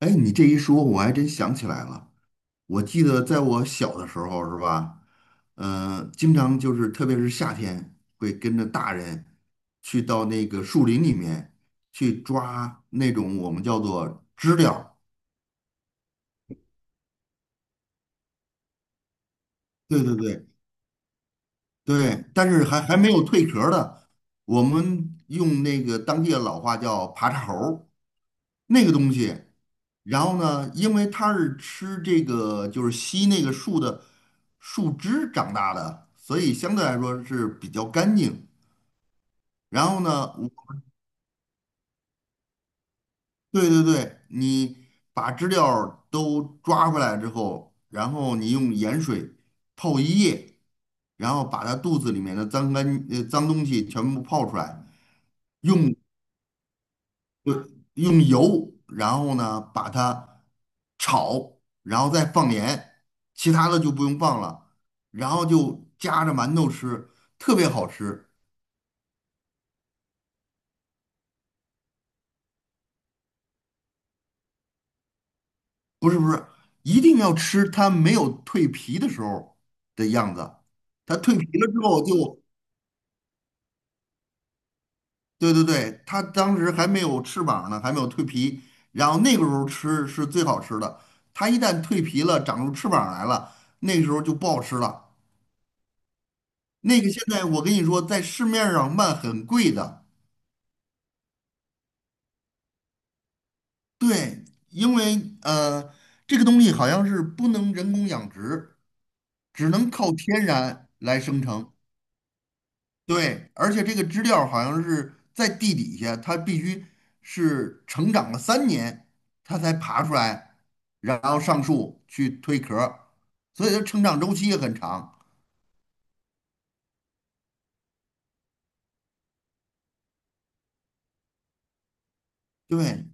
哎，你这一说，我还真想起来了。我记得在我小的时候，是吧？经常就是，特别是夏天，会跟着大人去到那个树林里面去抓那种我们叫做知了。对对对对，但是还没有蜕壳儿的，我们用那个当地的老话叫爬叉猴儿那个东西，然后呢，因为它是吃这个就是吸那个树的树枝长大的，所以相对来说是比较干净。然后呢，对对对，你把知了都抓回来之后，然后你用盐水泡一夜，然后把它肚子里面的脏东西全部泡出来，用对，用油，然后呢把它炒，然后再放盐，其他的就不用放了，然后就夹着馒头吃，特别好吃。不是不是，一定要吃它没有蜕皮的时候的样子，它蜕皮了之后就，对对对，它当时还没有翅膀呢，还没有蜕皮，然后那个时候吃是最好吃的。它一旦蜕皮了，长出翅膀来了，那个时候就不好吃了。那个现在我跟你说，在市面上卖很贵的，对，因为这个东西好像是不能人工养殖，只能靠天然来生成。对，而且这个知了好像是在地底下，它必须是成长了3年，它才爬出来，然后上树去蜕壳儿，所以它成长周期也很长。对，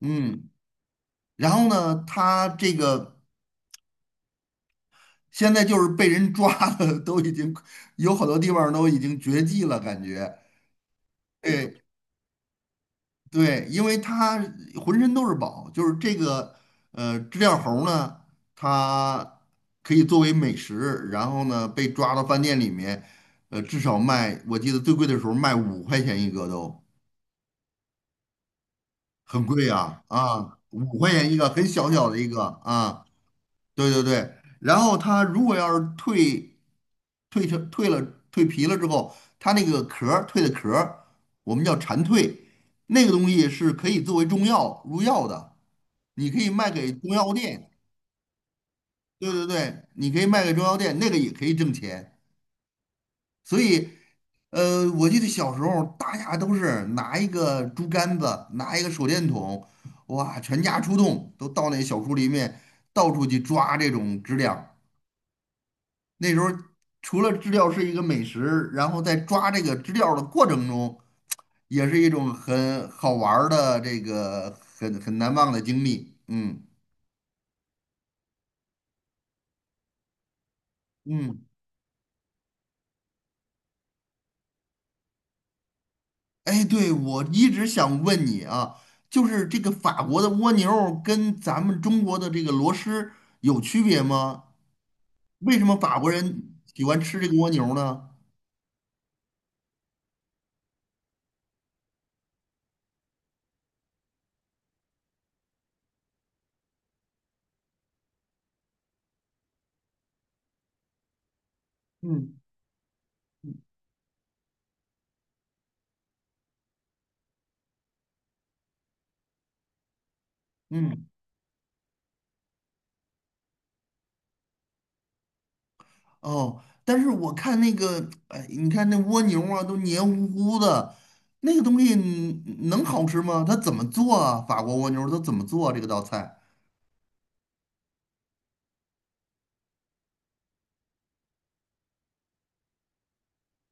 嗯，然后呢，它这个。现在就是被人抓了，都已经有好多地方都已经绝迹了，感觉。哎，对，因为它浑身都是宝，就是这个知了猴呢，它可以作为美食，然后呢被抓到饭店里面，至少卖，我记得最贵的时候卖五块钱一个都很贵啊啊，五块钱一个，很小小的一个啊。对对对，然后它如果要是蜕成蜕了蜕皮了之后，它那个壳儿蜕的壳儿，我们叫蝉蜕，那个东西是可以作为中药入药的，你可以卖给中药店。对对对，你可以卖给中药店，那个也可以挣钱。所以，我记得小时候大家都是拿一个竹竿子，拿一个手电筒，哇，全家出动，都到那小树林里面到处去抓这种知了。那时候除了知了是一个美食，然后在抓这个知了的过程中，也是一种很好玩儿的这个很难忘的经历。嗯嗯，哎，对，我一直想问你啊，就是这个法国的蜗牛儿跟咱们中国的这个螺蛳有区别吗？为什么法国人喜欢吃这个蜗牛呢？嗯嗯。哦，但是我看那个，哎，你看那蜗牛啊，都黏糊糊的，那个东西能好吃吗？它怎么做啊？法国蜗牛它怎么做啊这个道菜？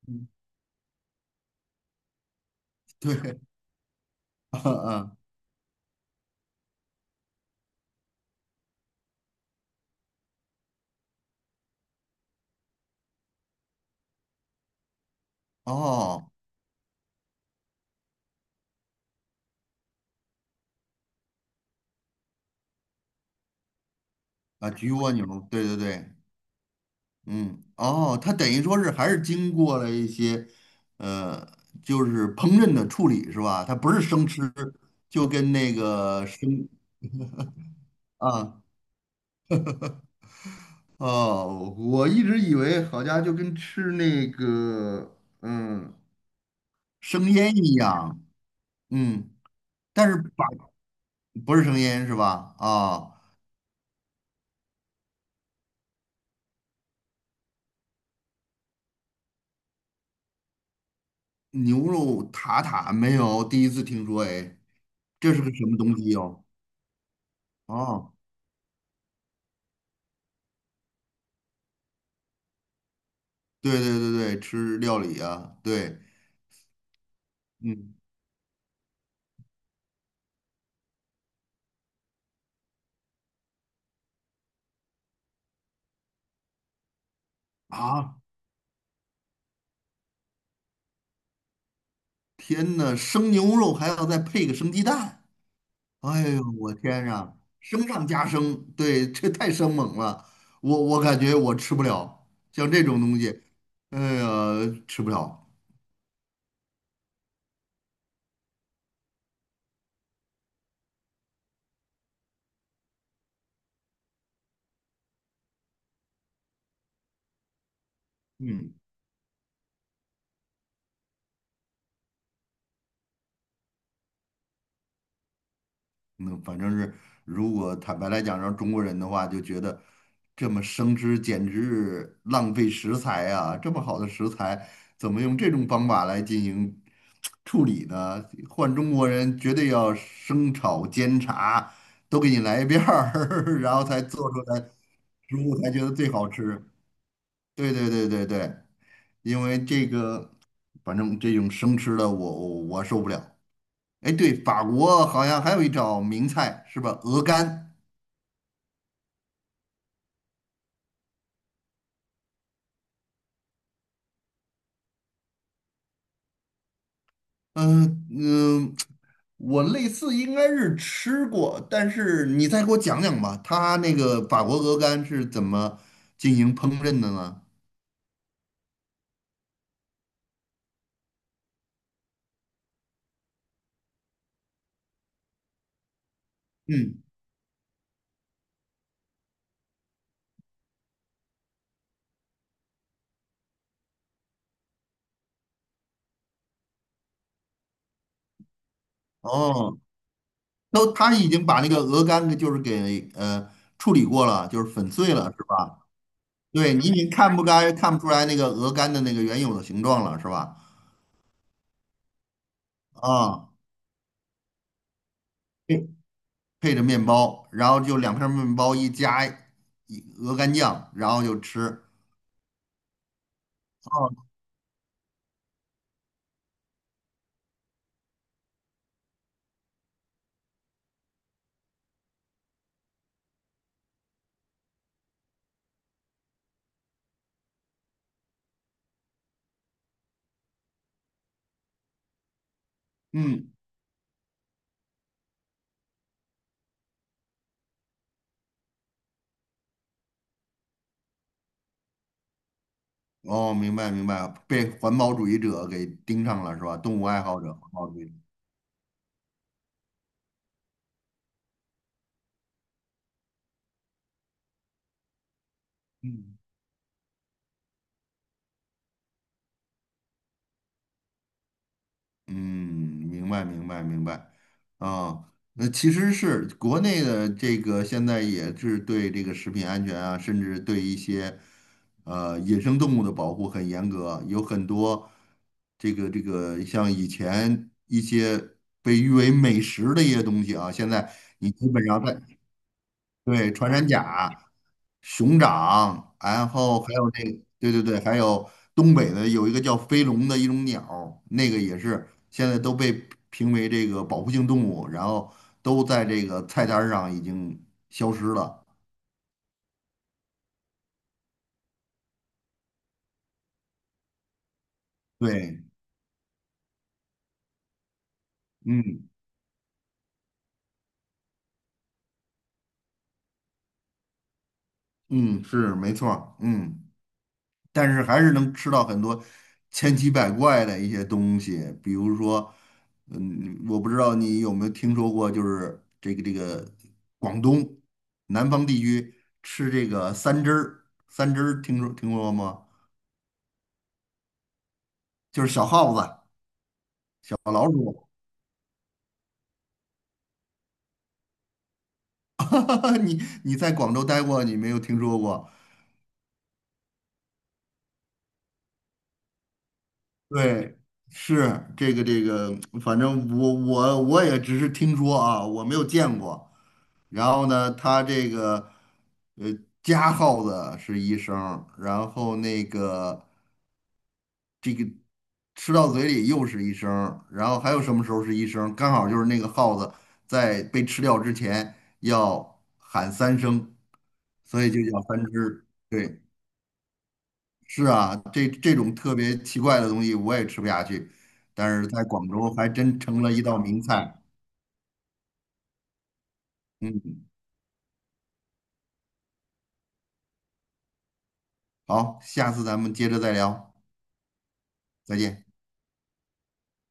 嗯对，嗯嗯，哦，啊，焗蜗牛，对对对，嗯，哦，它等于说是还是经过了一些，呃，就是烹饪的处理是吧？它不是生吃，就跟那个生啊。哦，我一直以为好家伙就跟吃那个生腌一样，嗯，但是不是生腌是吧？啊、牛肉塔塔没有，第一次听说，哎，这是个什么东西哟、哦？对对对对，吃料理啊，对，嗯啊，天呐，生牛肉还要再配个生鸡蛋。哎呦，我天呀，升上加升，对，这太生猛了，我感觉我吃不了，像这种东西，哎呀，吃不了。嗯。那反正是，如果坦白来讲，让中国人的话，就觉得这么生吃简直浪费食材啊！这么好的食材，怎么用这种方法来进行处理呢？换中国人绝对要生炒煎炸都给你来一遍儿，然后才做出来食物才觉得最好吃。对对对对对，因为这个，反正这种生吃的我受不了。哎，对，法国好像还有一道名菜是吧？鹅肝。嗯嗯，我类似应该是吃过，但是你再给我讲讲吧，它那个法国鹅肝是怎么进行烹饪的呢？嗯，哦，都他已经把那个鹅肝给就是给处理过了，就是粉碎了，是吧？对，你已经看不出来那个鹅肝的那个原有的形状了，是吧？啊，配着面包，然后就2片面包一加一鹅肝酱，然后就吃。哦，嗯，哦，明白明白，被环保主义者给盯上了是吧？动物爱好者，环保主义者。嗯。嗯，明白明白明白，啊，那其实是国内的这个现在也是对这个食品安全啊，甚至对一些野生动物的保护很严格，有很多这个像以前一些被誉为美食的一些东西啊，现在你基本上在对，穿山甲、熊掌，然后还有那个对对对，还有东北的有一个叫飞龙的一种鸟那个也是现在都被评为这个保护性动物，然后都在这个菜单儿上已经消失了。对，嗯嗯，是没错儿嗯。但是还是能吃到很多千奇百怪的一些东西，比如说，我不知道你有没有听说过，就是这个广东南方地区吃这个三汁儿，三汁儿听说过吗？就是小耗子、小老鼠，你在广州待过，你没有听说过？对，是这个，反正我也只是听说啊，我没有见过。然后呢，他这个呃加号子是一声儿然后那个吃到嘴里又是一声儿然后还有什么时候是一声儿刚好就是那个耗子在被吃掉之前要喊3声，所以就叫三只。对，是啊，这种特别奇怪的东西我也吃不下去，但是在广州还真成了一道名菜。嗯，好，下次咱们接着再聊，再见。